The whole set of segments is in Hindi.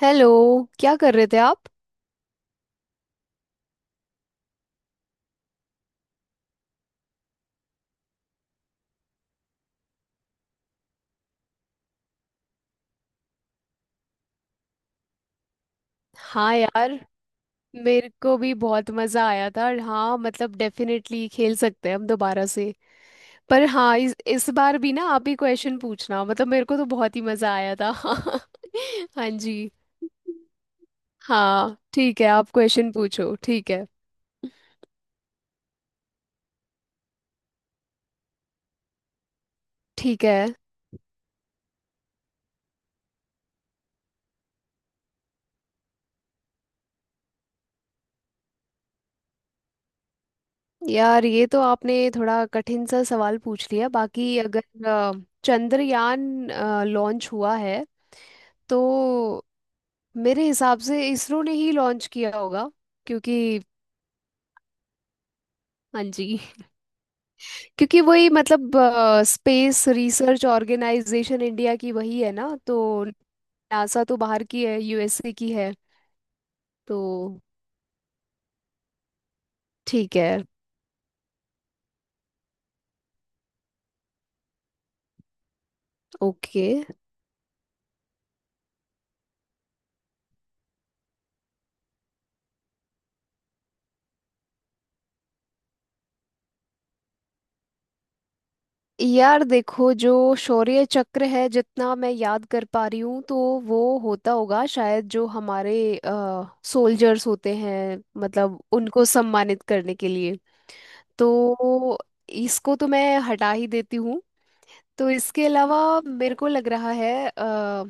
हेलो। क्या कर रहे थे आप? हाँ यार, मेरे को भी बहुत मज़ा आया था। और हाँ, मतलब डेफिनेटली खेल सकते हैं हम दोबारा से। पर हाँ, इस बार भी ना आप ही क्वेश्चन पूछना, मतलब मेरे को तो बहुत ही मज़ा आया था। हाँ जी। हाँ ठीक है, आप क्वेश्चन पूछो। ठीक है। ठीक है। यार ये तो आपने थोड़ा कठिन सा सवाल पूछ लिया। बाकी अगर चंद्रयान लॉन्च हुआ है तो मेरे हिसाब से इसरो ने ही लॉन्च किया होगा। क्योंकि हाँ जी, क्योंकि वही मतलब स्पेस रिसर्च ऑर्गेनाइजेशन इंडिया की वही है ना। तो नासा तो बाहर की है, USA की है। तो ठीक है। ओके। यार देखो, जो शौर्य चक्र है जितना मैं याद कर पा रही हूँ तो वो होता होगा शायद जो हमारे सोल्जर्स होते हैं, मतलब उनको सम्मानित करने के लिए। तो इसको तो मैं हटा ही देती हूँ। तो इसके अलावा मेरे को लग रहा है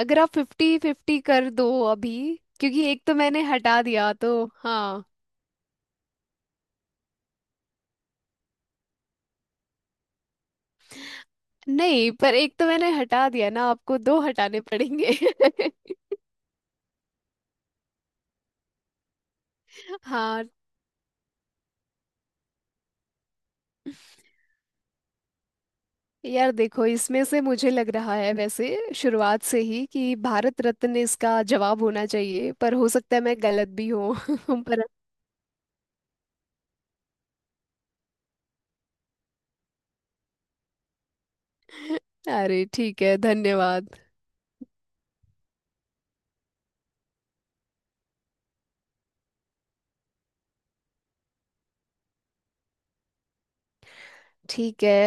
अगर आप फिफ्टी फिफ्टी कर दो अभी, क्योंकि एक तो मैंने हटा दिया। तो हाँ, नहीं पर एक तो मैंने हटा दिया ना, आपको दो हटाने पड़ेंगे। हाँ, यार देखो, इसमें से मुझे लग रहा है वैसे शुरुआत से ही कि भारत रत्न इसका जवाब होना चाहिए। पर हो सकता है मैं गलत भी हूँ। पर अरे ठीक है, धन्यवाद। ठीक है।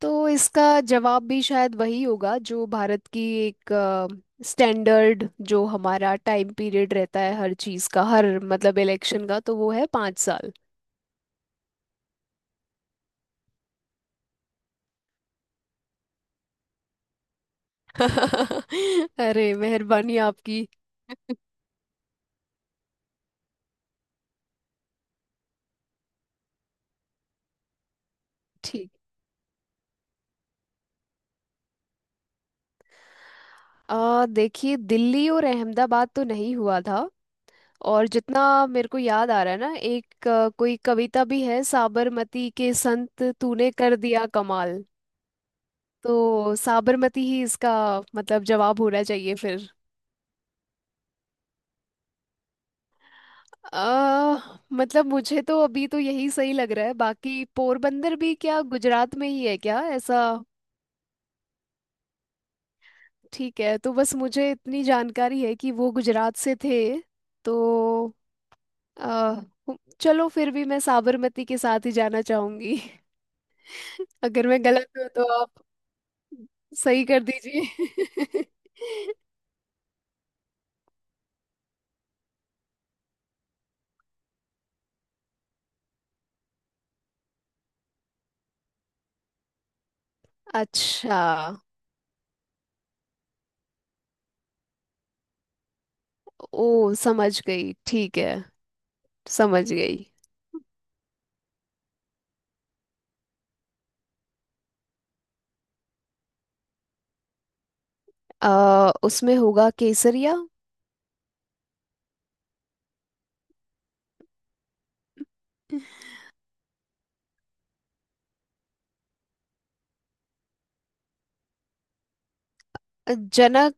तो इसका जवाब भी शायद वही होगा जो भारत की एक स्टैंडर्ड जो हमारा टाइम पीरियड रहता है हर चीज का, हर मतलब इलेक्शन का, तो वो है 5 साल। अरे मेहरबानी आपकी। ठीक। आ देखिए दिल्ली और अहमदाबाद तो नहीं हुआ था। और जितना मेरे को याद आ रहा है ना, एक कोई कविता भी है, साबरमती के संत तूने कर दिया कमाल। तो साबरमती ही इसका मतलब जवाब होना चाहिए फिर। आ, मतलब मुझे तो अभी तो यही सही लग रहा है। बाकी पोरबंदर भी क्या गुजरात में ही है क्या ऐसा? ठीक है, तो बस मुझे इतनी जानकारी है कि वो गुजरात से थे। तो आ, चलो फिर भी मैं साबरमती के साथ ही जाना चाहूंगी। अगर मैं गलत हूँ तो आप सही कर दीजिए। अच्छा। ओ समझ गई, ठीक है। समझ गई। आ, उसमें होगा केसरिया। जनक।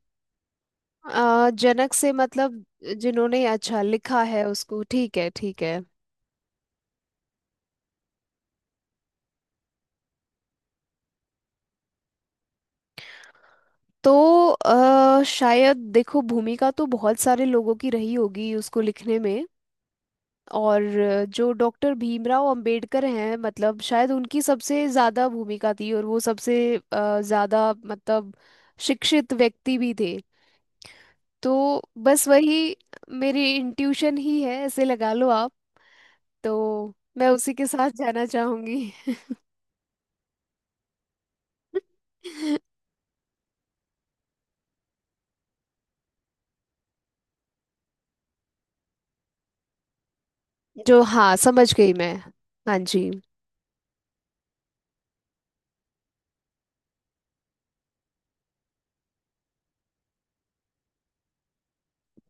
जनक से मतलब जिन्होंने अच्छा लिखा है उसको, ठीक है ठीक है। तो शायद देखो भूमिका तो बहुत सारे लोगों की रही होगी उसको लिखने में। और जो डॉक्टर भीमराव अंबेडकर हैं मतलब शायद उनकी सबसे ज़्यादा भूमिका थी और वो सबसे ज़्यादा मतलब शिक्षित व्यक्ति भी थे। तो बस वही मेरी इंट्यूशन ही है, ऐसे लगा लो आप। तो मैं उसी के साथ जाना चाहूंगी। जो हाँ समझ गई मैं। हाँ जी।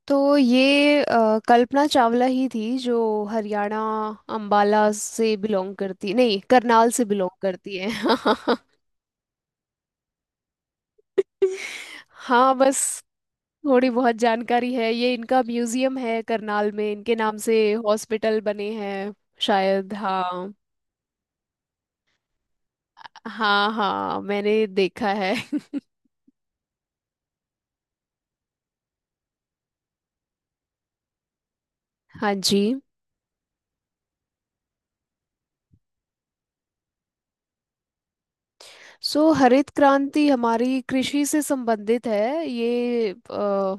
तो ये कल्पना चावला ही थी जो हरियाणा अंबाला से बिलोंग करती, नहीं करनाल से बिलोंग करती है। हाँ, बस थोड़ी बहुत जानकारी है। ये इनका म्यूजियम है करनाल में, इनके नाम से हॉस्पिटल बने हैं। शायद हाँ। हाँ हाँ, मैंने देखा है। हाँ जी। सो हरित क्रांति हमारी कृषि से संबंधित है। ये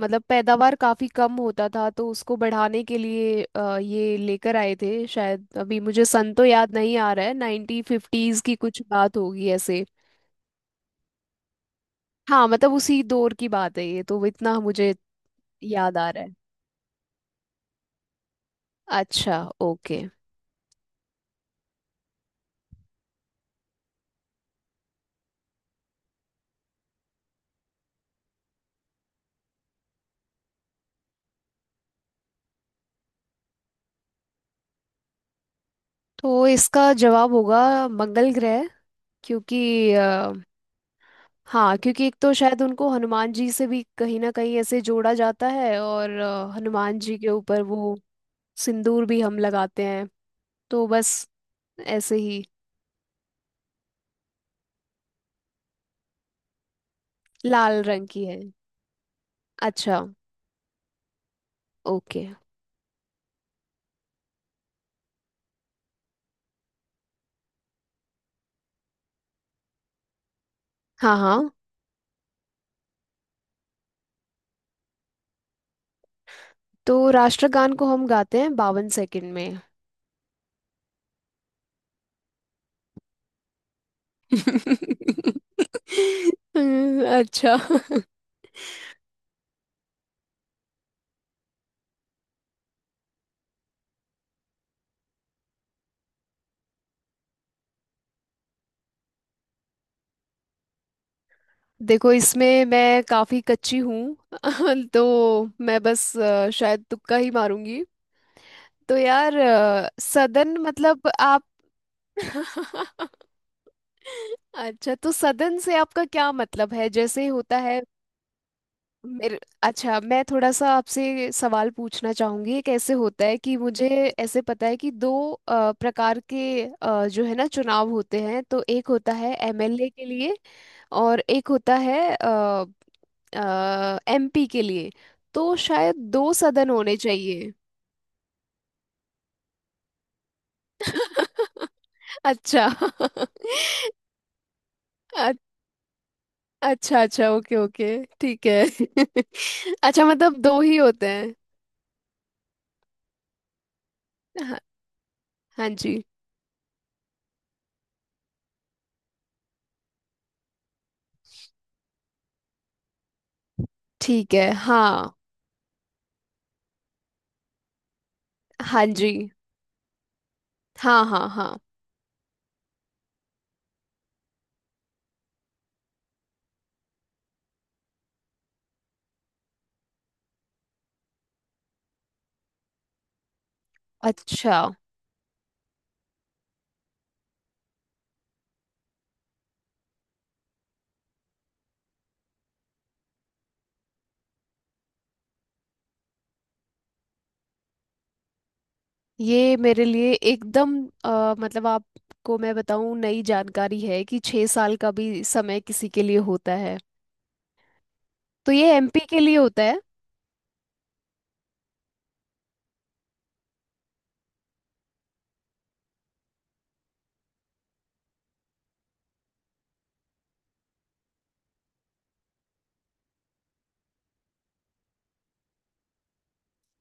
मतलब पैदावार काफ़ी कम होता था तो उसको बढ़ाने के लिए ये लेकर आए थे। शायद अभी मुझे सन तो याद नहीं आ रहा है, 1950s की कुछ बात होगी ऐसे। हाँ मतलब उसी दौर की बात है ये, तो इतना मुझे याद आ रहा है। अच्छा ओके। तो इसका जवाब होगा मंगल ग्रह। क्योंकि हाँ, क्योंकि एक तो शायद उनको हनुमान जी से भी कहीं ना कहीं ऐसे जोड़ा जाता है। और हनुमान जी के ऊपर वो सिंदूर भी हम लगाते हैं। तो बस ऐसे ही, लाल रंग की है। अच्छा ओके। हाँ हाँ, तो राष्ट्रगान को हम गाते हैं 52 सेकंड में। अच्छा। देखो इसमें मैं काफी कच्ची हूँ। तो मैं बस शायद तुक्का ही मारूंगी। तो यार सदन मतलब आप, अच्छा तो सदन से आपका क्या मतलब है, जैसे होता है मेरे, अच्छा मैं थोड़ा सा आपसे सवाल पूछना चाहूंगी। एक ऐसे होता है कि मुझे ऐसे पता है कि दो प्रकार के जो है ना चुनाव होते हैं। तो एक होता है MLA के लिए और एक होता है MP के लिए। तो शायद दो सदन होने चाहिए। अच्छा। अ- अच्छा अच्छा ओके ओके। ठीक है। अच्छा मतलब दो ही होते हैं। हाँ। हाँ जी ठीक है। हाँ। हाँ जी। हाँ हाँ हाँ, अच्छा। ये मेरे लिए एकदम मतलब आपको मैं बताऊं नई जानकारी है कि 6 साल का भी समय किसी के लिए होता है। तो ये MP के लिए होता है।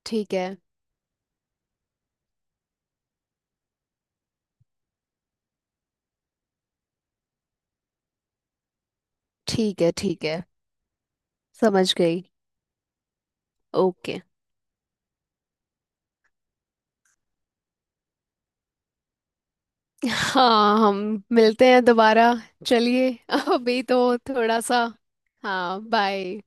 ठीक है ठीक है। ठीक है समझ गई। ओके। हाँ हम मिलते हैं दोबारा। चलिए, अभी तो थोड़ा सा। हाँ बाय।